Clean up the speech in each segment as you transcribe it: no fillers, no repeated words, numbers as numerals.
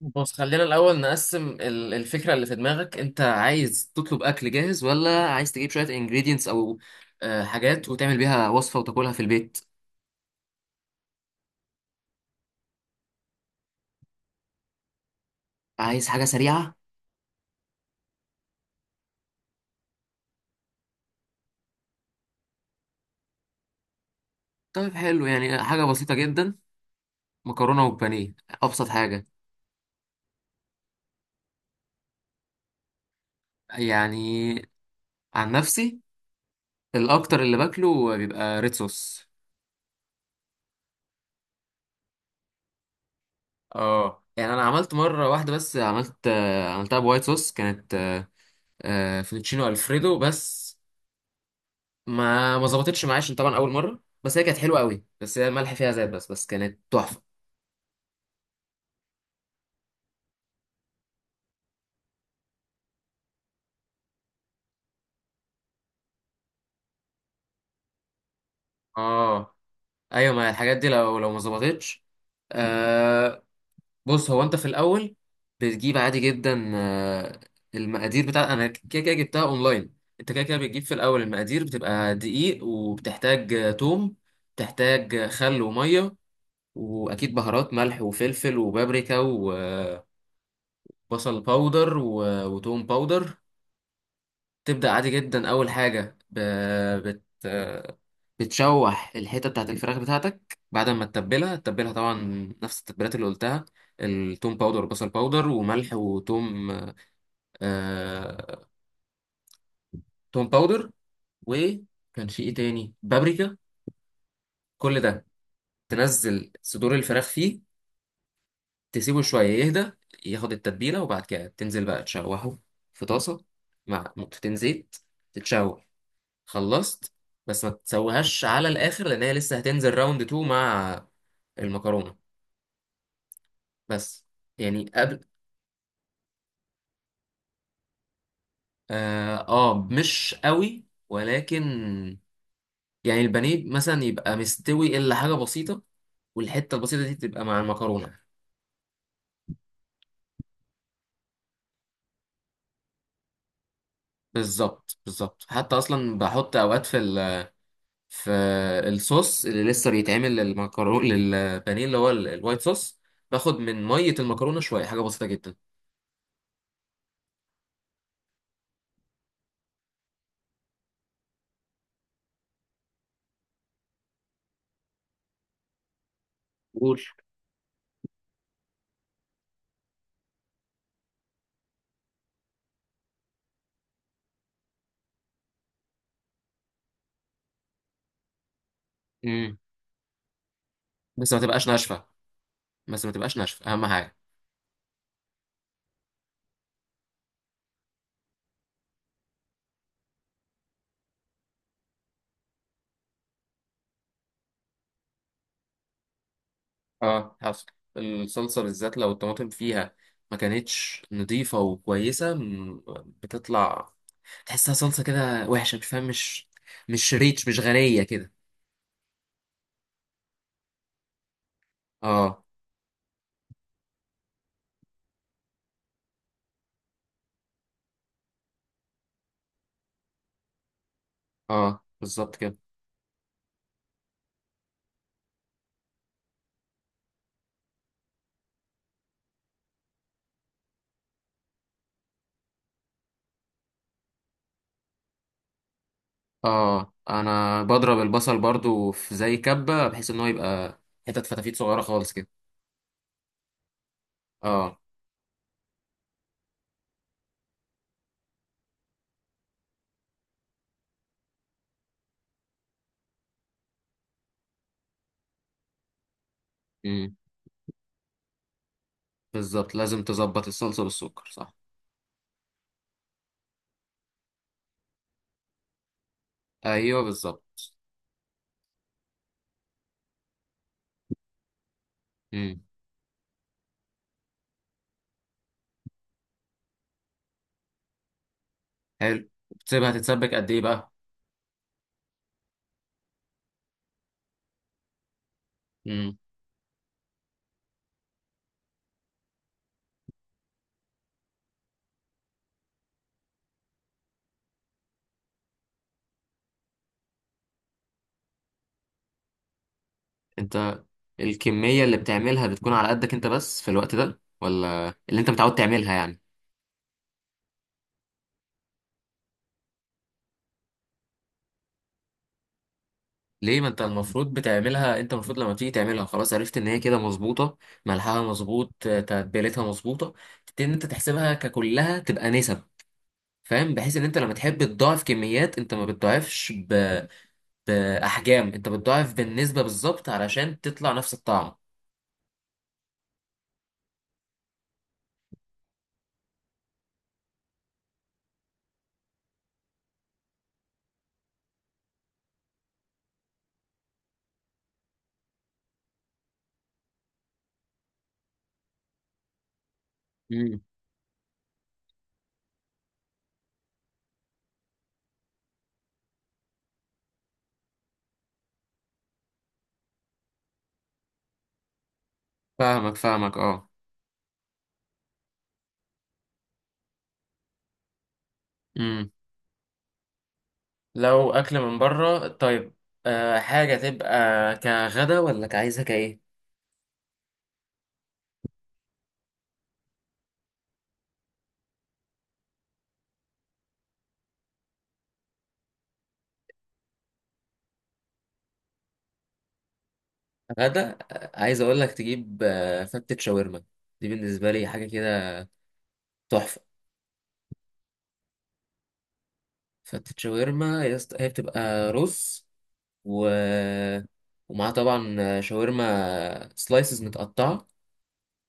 بص، خلينا الأول نقسم الفكرة اللي في دماغك. أنت عايز تطلب أكل جاهز، ولا عايز تجيب شوية ingredients أو حاجات وتعمل بيها وصفة وتاكلها في البيت؟ عايز حاجة سريعة؟ طيب حلو، يعني حاجة بسيطة جدا، مكرونة وبانيه، أبسط حاجة. يعني عن نفسي الأكتر اللي باكله بيبقى ريد صوص. اه يعني أنا عملت مرة واحدة بس، عملت عملتها بوايت صوص، كانت فوتوتشينو ألفريدو، بس ما ظبطتش معايا عشان طبعا اول مره، بس هي كانت حلوه قوي، بس هي الملح فيها زاد، بس كانت تحفه. اه ايوه، ما الحاجات دي لو ما ظبطتش. آه بص، هو انت في الاول بتجيب عادي جدا، المقادير بتاع انا كده كده جبتها اونلاين. انت كده كده بتجيب في الاول المقادير، بتبقى دقيق، وبتحتاج توم، بتحتاج خل وميه، واكيد بهارات، ملح وفلفل وبابريكا وبصل باودر وتوم باودر. تبدأ عادي جدا، أول حاجة بت... بتشوح الحتة بتاعت الفراخ بتاعتك بعد ما تتبلها. تتبلها طبعا نفس التتبيلات اللي قلتها، التوم باودر والبصل باودر وملح وتوم، آه... توم باودر، وكان في ايه تاني، بابريكا، كل ده. تنزل صدور الفراخ فيه، تسيبه شوية يهدى ياخد التتبيلة، وبعد كده تنزل بقى تشوحه في طاسة مع نقطتين زيت. تتشوح، خلصت، بس ما تسويهاش على الاخر لان هي لسه هتنزل راوند 2 مع المكرونه بس. يعني قبل، اه, مش قوي ولكن يعني البانيه مثلا يبقى مستوي الا حاجه بسيطه، والحته البسيطه دي تبقى مع المكرونه. بالظبط، بالظبط، حتى اصلا بحط اوقات في ال في الصوص اللي لسه بيتعمل للمكرونه، للبانيه اللي هو الوايت صوص، باخد من ميه المكرونه شويه، حاجه بسيطه جدا. قول. امم، بس ما تبقاش ناشفه، بس ما تبقاش ناشفه اهم حاجه. اه حصل، الصلصه بالذات لو الطماطم فيها ما كانتش نظيفه وكويسه، بتطلع تحسها صلصه كده وحشه، مش فاهم، مش ريتش، مش غنيه كده. اه. اه بالظبط كده. اه انا بضرب البصل برضو في زي كبه، بحيث ان هو يبقى حتت فتافيت صغيره خالص كده. اه. امم. بالظبط، لازم تظبط الصلصه بالسكر، صح؟ ايوه بالظبط. امم. حلو، بتسيبها تتسبك قد ايه بقى؟ انت الكمية اللي بتعملها بتكون على قدك انت بس في الوقت ده، ولا اللي انت متعود تعملها يعني؟ ليه؟ ما انت المفروض بتعملها، انت المفروض لما تيجي تعملها خلاص عرفت ان هي كده مظبوطة، ملحها مظبوط، تتبيلتها مظبوطة. تبتدي ان انت تحسبها ككلها تبقى نسب، فاهم، بحيث ان انت لما تحب تضاعف كميات، انت ما بتضاعفش باحجام، انت بتضاعف بالنسبة، بالظبط علشان تطلع نفس الطعم. مم. فاهمك، فاهمك. اه لو اكل من بره، طيب أه حاجه تبقى كغدا، ولا كعايزها كايه؟ غدا عايز اقول لك تجيب أه فتة شاورما، دي بالنسبه لي حاجه كده تحفه. فتة شاورما يا اسطى- هي بتبقى رز، و ومعاها طبعا شاورما سلايسز متقطعه،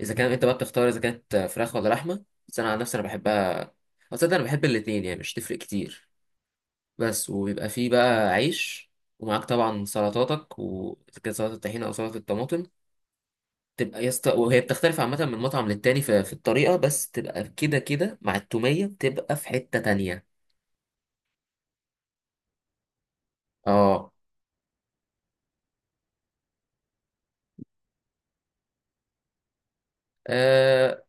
اذا كان انت بقى بتختار اذا كانت فراخ ولا لحمه، بس انا عن نفسي انا بحبها، أو تصدق انا بحب الاتنين، يعني مش تفرق كتير. بس وبيبقى فيه بقى عيش، ومعاك طبعا سلطاتك وكده، سلطة الطحينة أو سلطة الطماطم، تبقى وهي بتختلف عامة من مطعم للتاني في الطريقة، بس تبقى كده كده مع التومية، بتبقى في حتة تانية. اه. آه،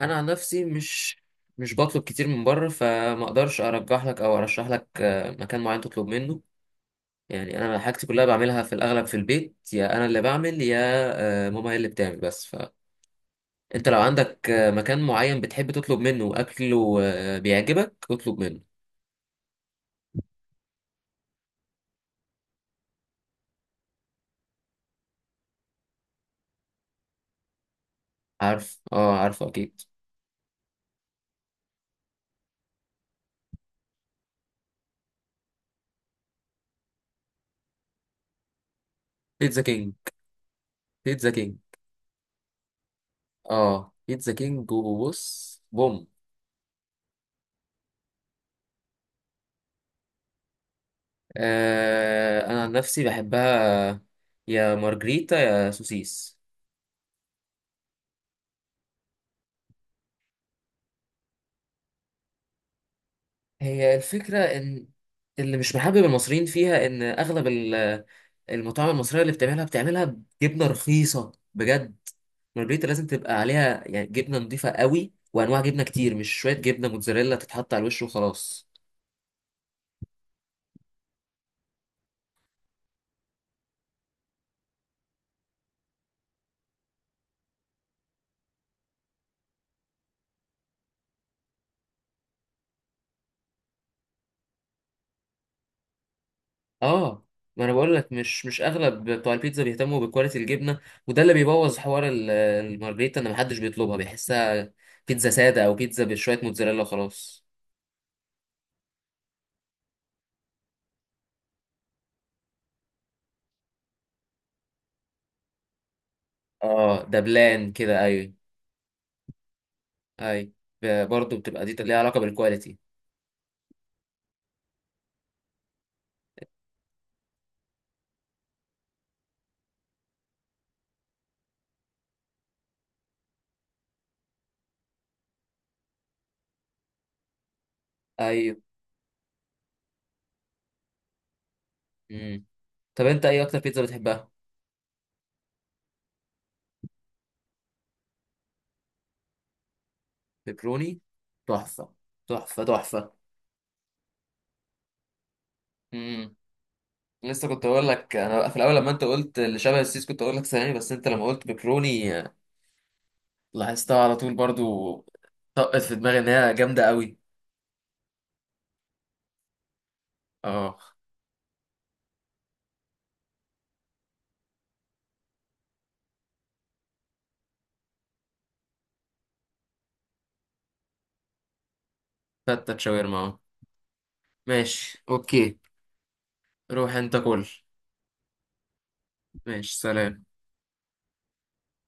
أنا عن نفسي مش بطلب كتير من بره، فما اقدرش ارجح لك او ارشح لك مكان معين تطلب منه. يعني انا حاجتي كلها بعملها في الاغلب في البيت، يا انا اللي بعمل، يا ماما هي اللي بتعمل، بس ف انت لو عندك مكان معين بتحب تطلب منه اكله بيعجبك، اطلب منه. عارف، اه عارفه اكيد. بيتزا كينج. بيتزا كينج. اه بيتزا كينج، وبص بوم. آه انا عن نفسي بحبها يا مارجريتا يا سوسيس. هي الفكره ان اللي مش محبب المصريين فيها ان اغلب المطاعم المصريه اللي بتعملها بتعملها بجبنه رخيصه بجد. مارجريتا لازم تبقى عليها يعني جبنه نضيفه قوي وانواع جبنه كتير، مش شويه جبنه موتزاريلا تتحط على الوش وخلاص. اه، ما انا بقول لك، مش اغلب بتوع البيتزا بيهتموا بكواليتي الجبنه، وده اللي بيبوظ حوار المارجريتا، ان محدش بيطلبها، بيحسها بيتزا ساده، او بيتزا بشويه موتزاريلا وخلاص. اه دبلان كده، ايوه. ايوه برضه بتبقى دي ليها علاقه بالكواليتي. ايوه. امم. طب انت ايه اكتر بيتزا بتحبها؟ بيبروني، تحفه، تحفه تحفه. امم، لسه كنت اقول لك، انا في الاول لما انت قلت اللي شبه السيس كنت اقول لك ثواني، بس انت لما قلت بكروني لاحظتها على طول برضو، طقت في دماغي ان هي جامده قوي. اه. فتت شاورما اه، ماشي اوكي، روح انت كل. ماشي سلام.